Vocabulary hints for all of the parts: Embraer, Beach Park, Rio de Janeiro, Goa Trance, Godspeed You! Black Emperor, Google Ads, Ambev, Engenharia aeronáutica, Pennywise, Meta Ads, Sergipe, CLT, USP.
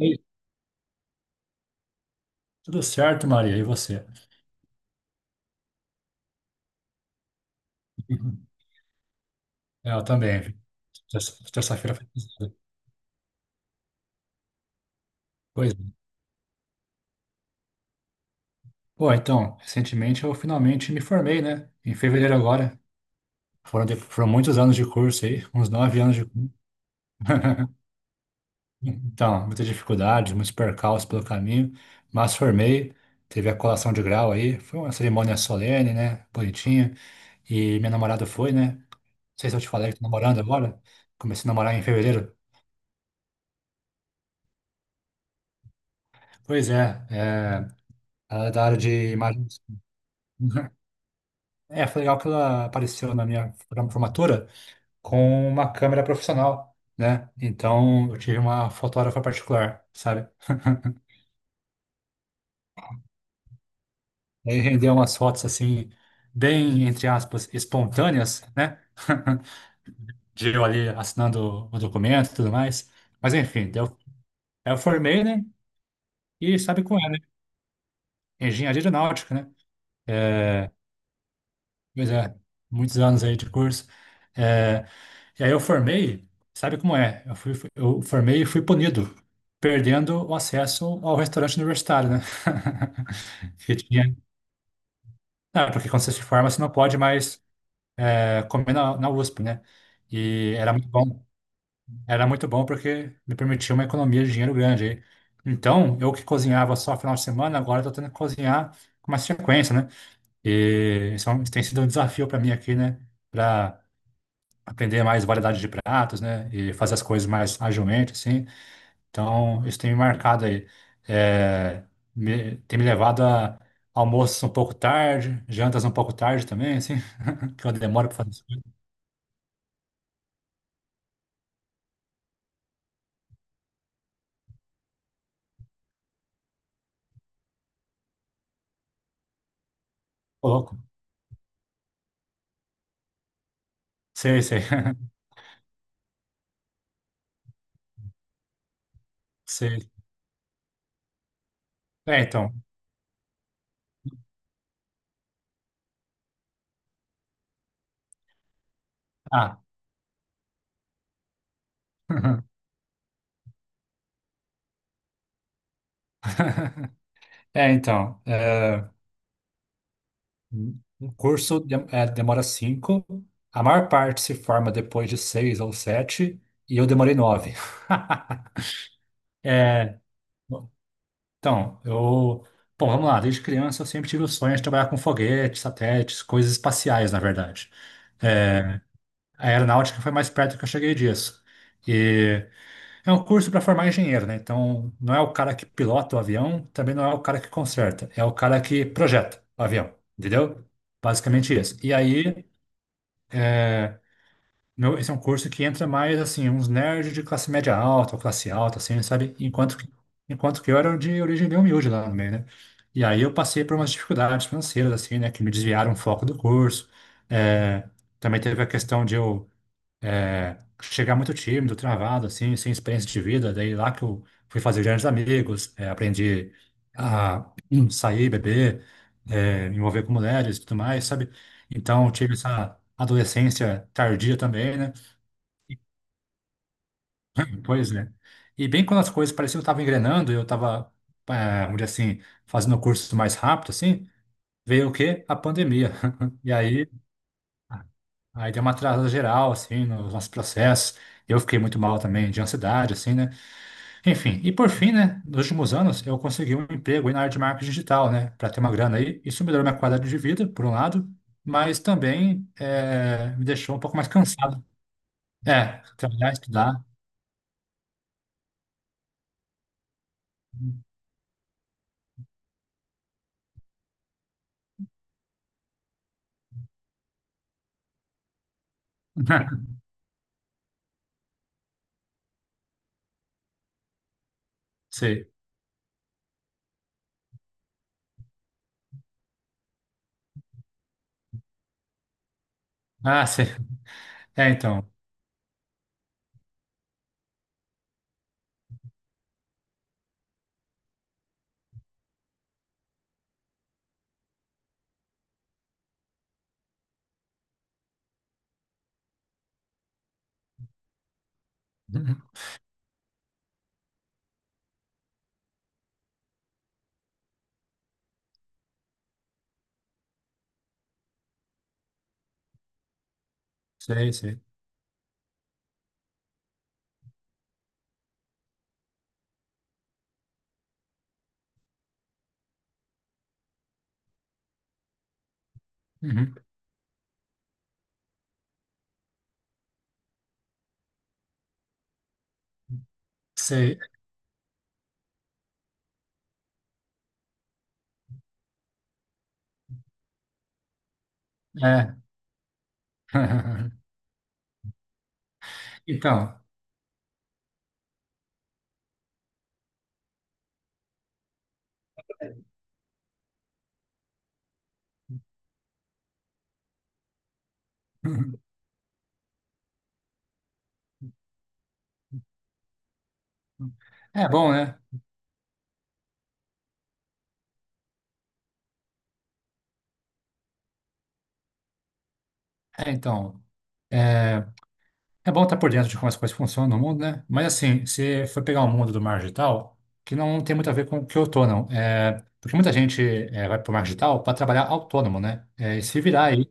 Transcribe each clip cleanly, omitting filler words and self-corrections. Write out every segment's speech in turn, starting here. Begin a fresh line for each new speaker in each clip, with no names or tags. Ei, tudo certo, Maria? E você? Eu também. Terça-feira foi pesada. Pois é. Bom, então, recentemente eu finalmente me formei, né? Em fevereiro agora. Foram muitos anos de curso aí, uns 9 anos de curso. Então, muitas dificuldades, muitos percalços pelo caminho, mas formei. Teve a colação de grau aí. Foi uma cerimônia solene, né? Bonitinha. E minha namorada foi, né? Não sei se eu te falei que tô namorando agora. Comecei a namorar em fevereiro. Pois é, é. Ela é da área de imagens. Uhum. É, foi legal que ela apareceu na minha formatura com uma câmera profissional, né? Então eu tive uma fotógrafa particular, sabe? E aí rendeu umas fotos assim, bem, entre aspas, espontâneas, né? De eu ali assinando o documento e tudo mais. Mas enfim, deu, eu formei, né? E sabe qual é, né? Engenharia aeronáutica, né? É, pois é, muitos anos aí de curso. É. E aí eu formei, sabe como é? Eu formei e fui punido, perdendo o acesso ao restaurante universitário, né? Que tinha. Ah, porque quando você se forma, você não pode mais comer na USP, né? E era muito bom. Era muito bom porque me permitia uma economia de dinheiro grande aí. Então, eu que cozinhava só final de semana, agora estou tendo que cozinhar com mais frequência, né? E isso tem sido um desafio para mim aqui, né? Aprender mais variedade de pratos, né? E fazer as coisas mais agilmente, assim. Então, isso tem me marcado aí. É, tem me levado a almoços um pouco tarde, jantas um pouco tarde também, assim, que eu demoro para fazer isso. Ô, louco. Sei, sei. Sei. É, então. Ah. É, então. É, um curso demora cinco. A maior parte se forma depois de seis ou sete, e eu demorei nove. Então, eu. Bom, vamos lá. Desde criança eu sempre tive o sonho de trabalhar com foguetes, satélites, coisas espaciais, na verdade. É, a aeronáutica foi mais perto que eu cheguei disso. E é um curso para formar engenheiro, né? Então, não é o cara que pilota o avião, também não é o cara que conserta, é o cara que projeta o avião, entendeu? Basicamente isso. E aí. Meu, esse é um curso que entra mais, assim, uns nerds de classe média alta, ou classe alta, assim, sabe? Enquanto que eu era de origem bem humilde lá no meio, né? E aí eu passei por umas dificuldades financeiras, assim, né? Que me desviaram o foco do curso. É, também teve a questão de eu chegar muito tímido, travado, assim, sem experiência de vida. Daí lá que eu fui fazer grandes amigos, é, aprendi a sair, beber, me envolver com mulheres e tudo mais, sabe? Então, tive essa adolescência tardia também, né? Pois é. E bem quando as coisas pareciam que estavam engrenando, eu estava, vamos dizer assim, fazendo o curso mais rápido, assim, veio o quê? A pandemia. E aí, deu uma atrasada geral, assim, nos nossos processos. Eu fiquei muito mal também, de ansiedade, assim, né? Enfim, e por fim, né, nos últimos anos, eu consegui um emprego aí na área de marketing digital, né, para ter uma grana aí. Isso melhorou minha qualidade de vida, por um lado, mas também me deixou um pouco mais cansado. É, trabalhar, estudar. Sei. Ah, sei. É, então. Sei, sei. Uhum. Sei. É. Então. É bom, né? É, então. É é bom estar por dentro de como as coisas funcionam no mundo, né? Mas assim, se for pegar o mundo do marketing digital, que não tem muito a ver com o que eu tô, não. É, porque muita gente vai para o marketing digital para trabalhar autônomo, né? É, e se virar aí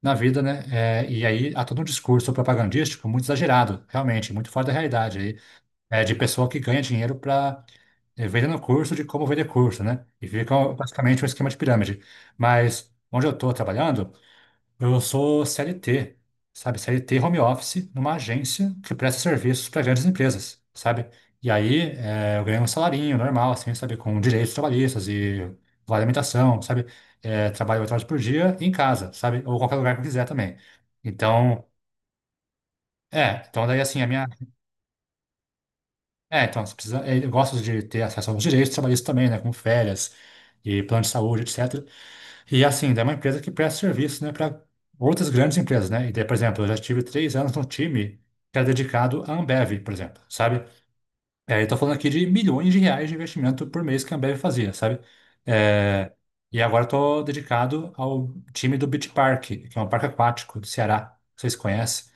na vida, né? É, e aí há todo um discurso propagandístico muito exagerado, realmente, muito fora da realidade aí, de pessoa que ganha dinheiro para vendendo curso de como vender curso, né? E fica, uhum, basicamente um esquema de pirâmide. Mas onde eu estou trabalhando, eu sou CLT, sabe? CLT home office numa agência que presta serviços para grandes empresas, sabe? E aí eu ganho um salarinho normal, assim, sabe? Com direitos trabalhistas e vale alimentação, sabe? É, trabalho 8 horas por dia em casa, sabe? Ou qualquer lugar que eu quiser também. Então, é. Então, daí, assim, a minha. É, então, você precisa, eu gosto de ter acesso aos direitos trabalhistas também, né, como férias e plano de saúde, etc. E assim, daí é uma empresa que presta serviço, né, para outras grandes empresas, né? E daí, por exemplo, eu já tive 3 anos num time que era dedicado à Ambev, por exemplo, sabe? É, eu tô falando aqui de milhões de reais de investimento por mês que a Ambev fazia, sabe? É, e agora eu tô dedicado ao time do Beach Park, que é um parque aquático do Ceará, vocês conhecem?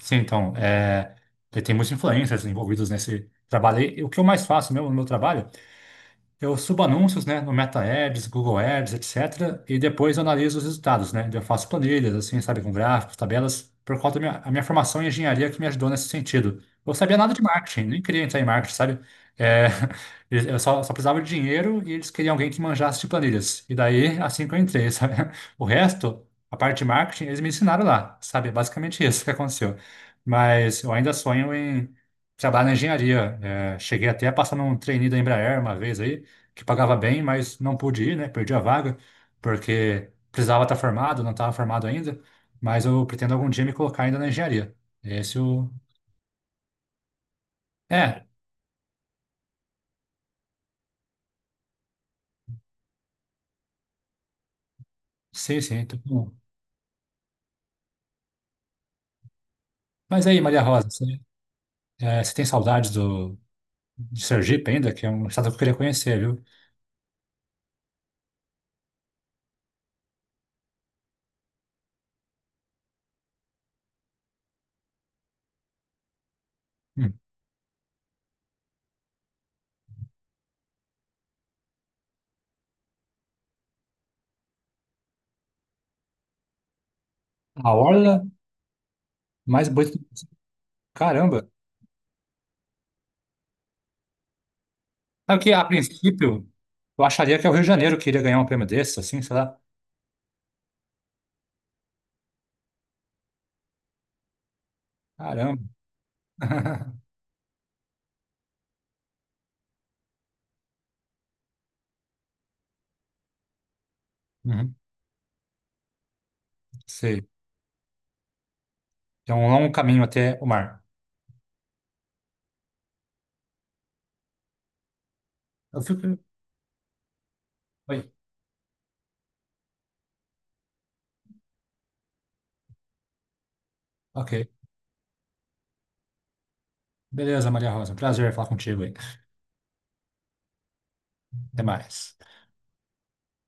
Sim, então, tem muitos influencers envolvidos nesse trabalho. E o que eu mais faço mesmo no meu trabalho eu subo anúncios, né, no Meta Ads, Google Ads, etc. E depois eu analiso os resultados, né? Eu faço planilhas, assim, sabe, com gráficos, tabelas, por conta da minha formação em engenharia que me ajudou nesse sentido. Eu sabia nada de marketing, nem queria entrar em marketing, sabe? É, eu só precisava de dinheiro e eles queriam alguém que manjasse de planilhas. E daí, assim que eu entrei, sabe? O resto, a parte de marketing, eles me ensinaram lá, sabe? É, basicamente isso que aconteceu. Mas eu ainda sonho em trabalhar na engenharia. É, cheguei até a passar num trainee da Embraer uma vez aí, que pagava bem, mas não pude ir, né? Perdi a vaga, porque precisava estar formado, não estava formado ainda, mas eu pretendo algum dia me colocar ainda na engenharia. Esse o. É, sim, sim. Tô com-. Mas aí, Maria Rosa, você tem saudades de Sergipe ainda, que é um estado que eu queria conhecer, viu? Hum. A orla mais bonita. Caramba! Sabe que, a princípio, eu acharia que é o Rio de Janeiro que iria ganhar um prêmio desse, assim, sei lá. Caramba! Uhum, sei. É um longo caminho até o mar. Eu fico. Oi. Ok. Beleza, Maria Rosa. Prazer falar contigo aí. Até mais.